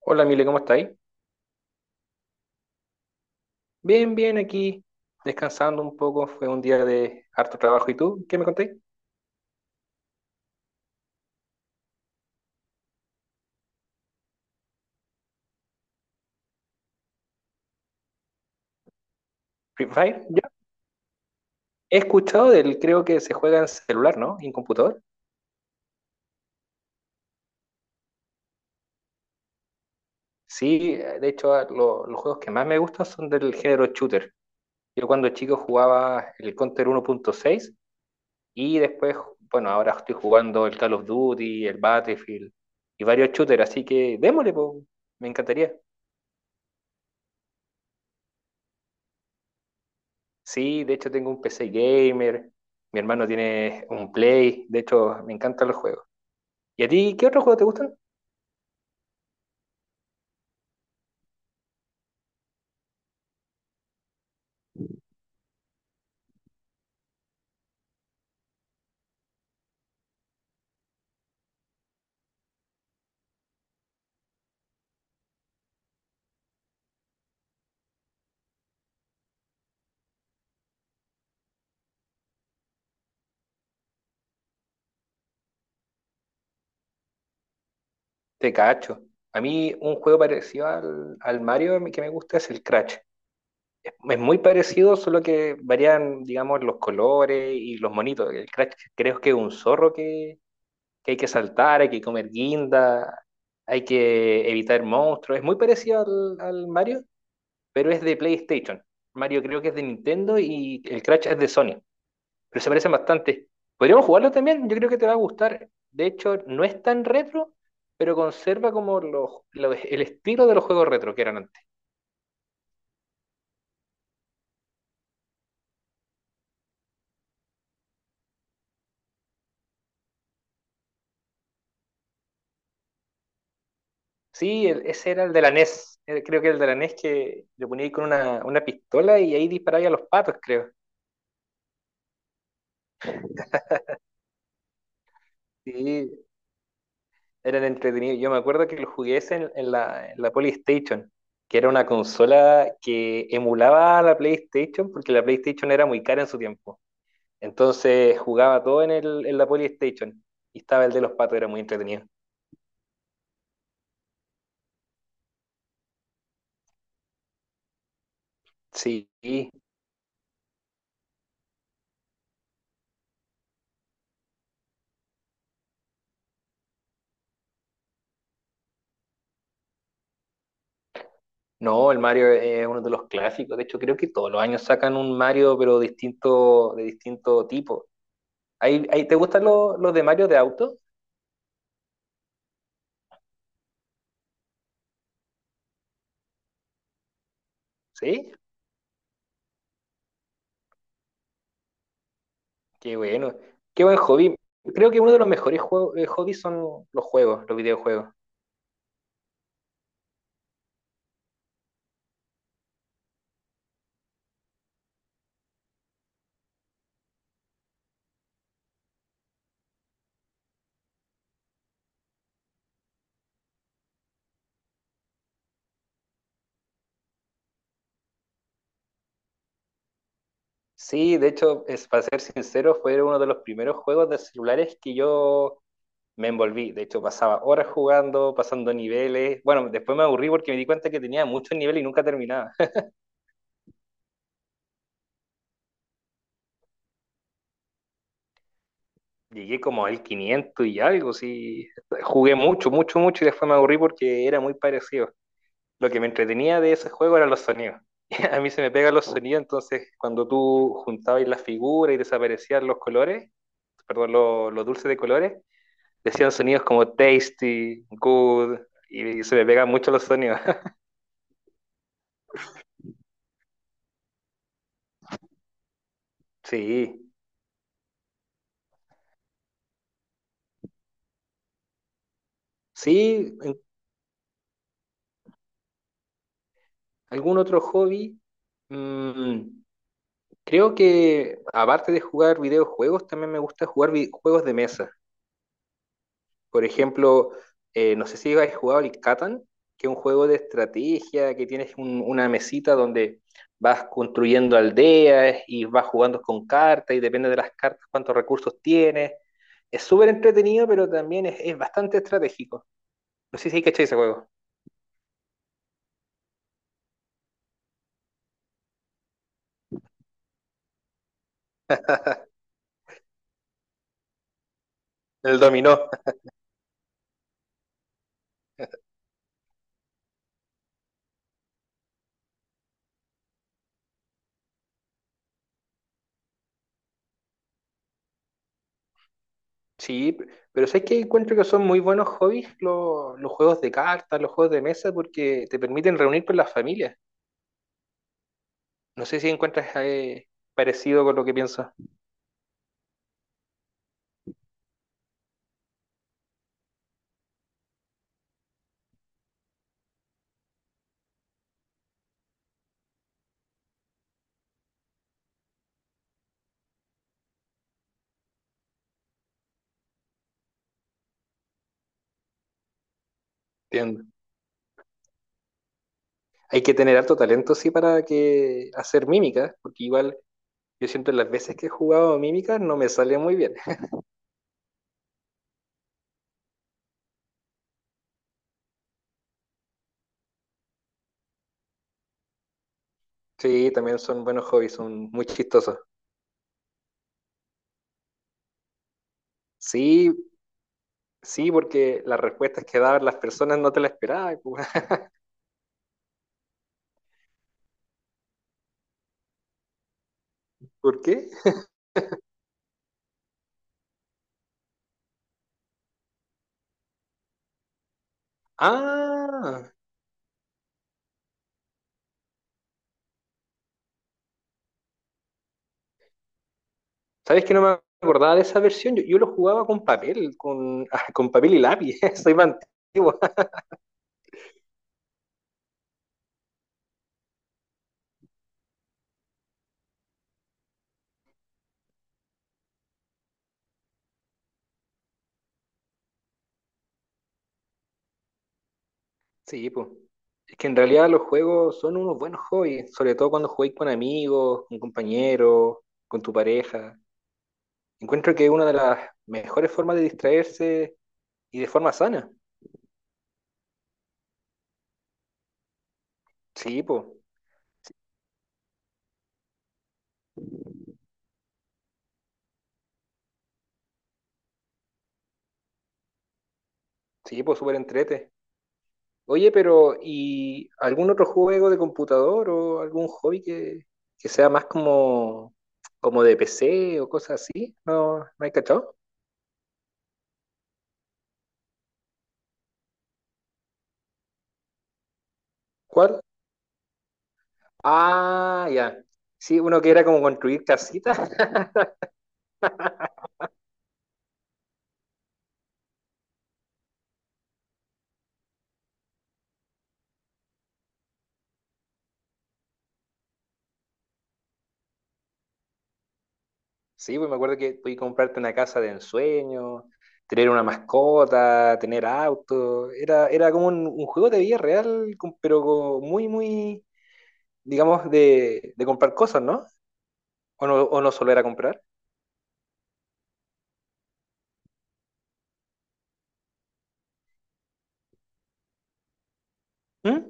Hola, Mile, ¿cómo estáis? Bien, bien, aquí descansando un poco. Fue un día de harto trabajo. ¿Y tú? ¿Qué me contáis? Free Fire. Ya. He escuchado creo que se juega en celular, ¿no? Y en computador. Sí, de hecho, los juegos que más me gustan son del género shooter. Yo cuando chico jugaba el Counter 1.6 y después, bueno, ahora estoy jugando el Call of Duty, el Battlefield y varios shooters, así que démosle, po. Me encantaría. Sí, de hecho tengo un PC gamer, mi hermano tiene un Play, de hecho me encantan los juegos. ¿Y a ti qué otros juegos te gustan? Te cacho. A mí un juego parecido al Mario que me gusta es el Crash. Es muy parecido, solo que varían, digamos, los colores y los monitos. El Crash creo que es un zorro que hay que saltar, hay que comer guinda, hay que evitar monstruos. Es muy parecido al Mario, pero es de PlayStation. Mario creo que es de Nintendo y el Crash es de Sony, pero se parecen bastante. Podríamos jugarlo también, yo creo que te va a gustar. De hecho, no es tan retro, pero conserva como el estilo de los juegos retro que eran antes. Sí, ese era el de la NES, creo que el de la NES que le ponía ahí con una pistola y ahí disparaba a los patos, creo. Sí, eran entretenidos. Yo me acuerdo que lo jugué ese en la PlayStation, que era una consola que emulaba a la PlayStation, porque la PlayStation era muy cara en su tiempo. Entonces jugaba todo en la Polystation. Y estaba el de los patos, era muy entretenido. Sí, no, el Mario es uno de los clásicos. De hecho, creo que todos los años sacan un Mario, pero distinto, de distinto tipo. ¿Te gustan los de Mario de auto? Sí, qué bueno. Qué buen hobby. Creo que uno de los mejores hobbies son los juegos, los videojuegos. Sí, de hecho, es, para ser sincero, fue uno de los primeros juegos de celulares que yo me envolví. De hecho, pasaba horas jugando, pasando niveles. Bueno, después me aburrí porque me di cuenta que tenía muchos niveles y nunca terminaba. Llegué como al 500 y algo, sí. Jugué mucho, mucho, mucho y después me aburrí porque era muy parecido. Lo que me entretenía de ese juego eran los sonidos. A mí se me pegan los sonidos, entonces cuando tú juntabas las figuras y desaparecían los colores, perdón, los dulces de colores, decían sonidos como tasty, good, y se me pegan mucho los sonidos. Sí, sí, ¿algún otro hobby? Mm, creo que aparte de jugar videojuegos, también me gusta jugar juegos de mesa. Por ejemplo, no sé si habéis jugado el Catan, que es un juego de estrategia, que tienes una mesita donde vas construyendo aldeas y vas jugando con cartas y depende de las cartas cuántos recursos tienes. Es súper entretenido, pero también es bastante estratégico. No sé si hay cachado ese juego. El dominó. Sí, pero sabes que encuentro que son muy buenos hobbies los juegos de cartas, los juegos de mesa, porque te permiten reunir con las familias. No sé si encuentras parecido con lo que pienso. Entiendo. Hay que tener alto talento, sí, para que hacer mímicas, porque igual yo siento las veces que he jugado mímicas no me sale muy bien. Sí, también son buenos hobbies, son muy chistosos. Sí, sí, porque las respuestas que daban las personas no te las esperaba. ¿Por qué? Ah, ¿sabes que no me acordaba de esa versión? Yo lo jugaba con papel, con, con papel y lápiz. Soy más antiguo. Sí, pues. Es que en realidad los juegos son unos buenos hobbies, sobre todo cuando jugáis con amigos, con compañeros, con tu pareja. Encuentro que es una de las mejores formas de distraerse y de forma sana. Sí, pues. Sí, pues, súper entrete. Oye, pero ¿y algún otro juego de computador o algún hobby que sea más como, como de PC o cosas así? ¿No, no hay cachado? ¿Cuál? Ah, ya. Sí, uno que era como construir casitas. Sí, pues me acuerdo que podías comprarte una casa de ensueño, tener una mascota, tener auto. Era, era como un juego de vida real, con- pero co- muy, muy, digamos, de comprar cosas, ¿no? ¿O no, o no solo era comprar? ¿Mm?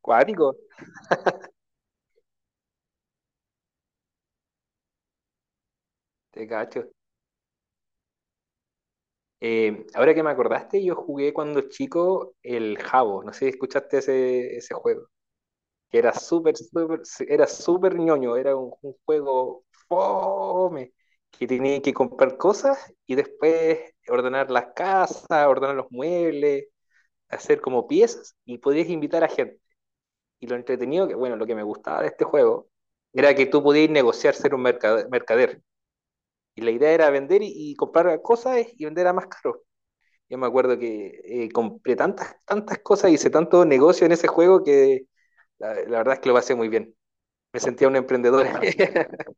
Cuático. Te cacho. Ahora que me acordaste, yo jugué cuando chico el Jabo. No sé si escuchaste ese juego. Que era súper, súper, sí, era súper ñoño. Era un juego fome. Que tenía que comprar cosas y después ordenar las casas, ordenar los muebles, hacer como piezas y podías invitar a gente. Y lo entretenido, que bueno, lo que me gustaba de este juego era que tú podías negociar ser un mercader. Mercader. Y la idea era vender y comprar cosas y vender a más caro. Yo me acuerdo que compré tantas, tantas cosas, hice tanto negocio en ese juego que la verdad es que lo pasé muy bien. Me sentía un emprendedor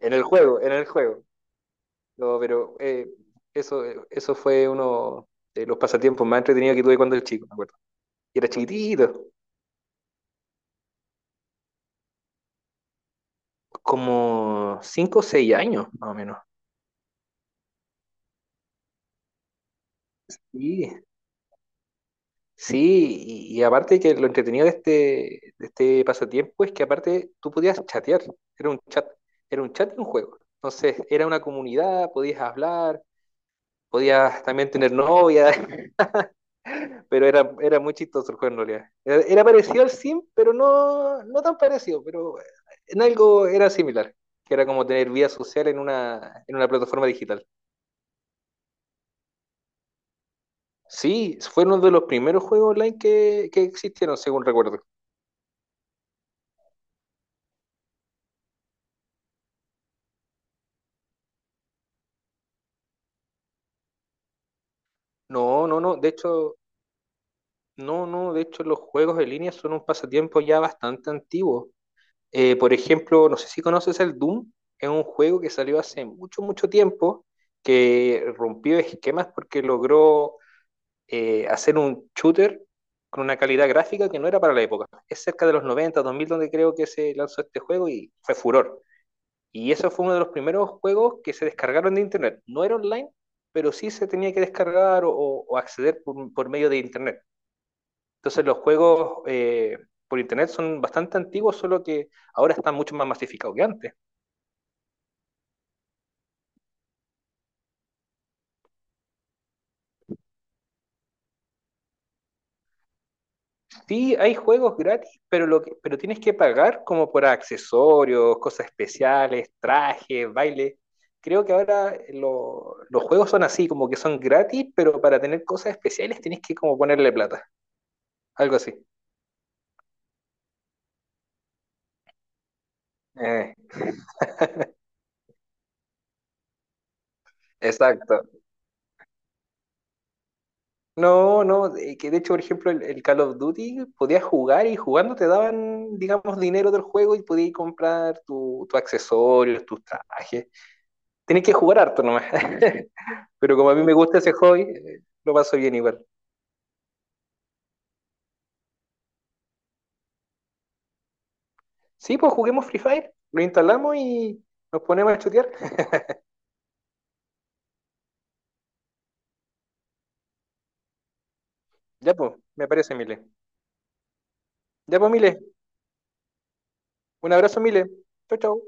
en el juego, en el juego. No, pero eso fue uno de los pasatiempos más entretenidos que tuve cuando era chico, me acuerdo. Y era chiquitito, como 5 o 6 años, más o menos. Sí, sí, y aparte que lo entretenido de este pasatiempo es que aparte tú podías chatear, era un chat, era un chat y un juego. Entonces era una comunidad, podías hablar, podías también tener novia, pero era, era muy chistoso el juego en realidad. Era, era parecido al Sim, pero no, no tan parecido, pero en algo era similar, que era como tener vida social en una plataforma digital. Sí, fue uno de los primeros juegos online que existieron, según recuerdo. No, no, no, de hecho No, no, de hecho los juegos en línea son un pasatiempo ya bastante antiguo. Por ejemplo, no sé si conoces el Doom, es un juego que salió hace mucho, mucho tiempo, que rompió esquemas porque logró hacer un shooter con una calidad gráfica que no era para la época. Es cerca de los noventa, 2000 donde creo que se lanzó este juego y fue furor. Y eso fue uno de los primeros juegos que se descargaron de internet. No era online, pero sí se tenía que descargar o acceder por medio de internet. Entonces los juegos por internet son bastante antiguos, solo que ahora están mucho más masificados que antes. Sí, hay juegos gratis, pero, pero tienes que pagar como por accesorios, cosas especiales, trajes, baile. Creo que ahora los juegos son así, como que son gratis, pero para tener cosas especiales tienes que como ponerle plata, algo así. Eh, exacto. No, no, que de hecho, por ejemplo, el Call of Duty podías jugar y jugando te daban, digamos, dinero del juego y podías comprar tu accesorios, tus trajes. Tenés que jugar harto nomás. Pero como a mí me gusta ese hobby, lo paso bien igual. Sí, pues juguemos Free Fire, lo instalamos y nos ponemos a chutear. Ya, pues, me parece, Mile. Ya, pues, Mile. Un abrazo, Mile. Chau, chau.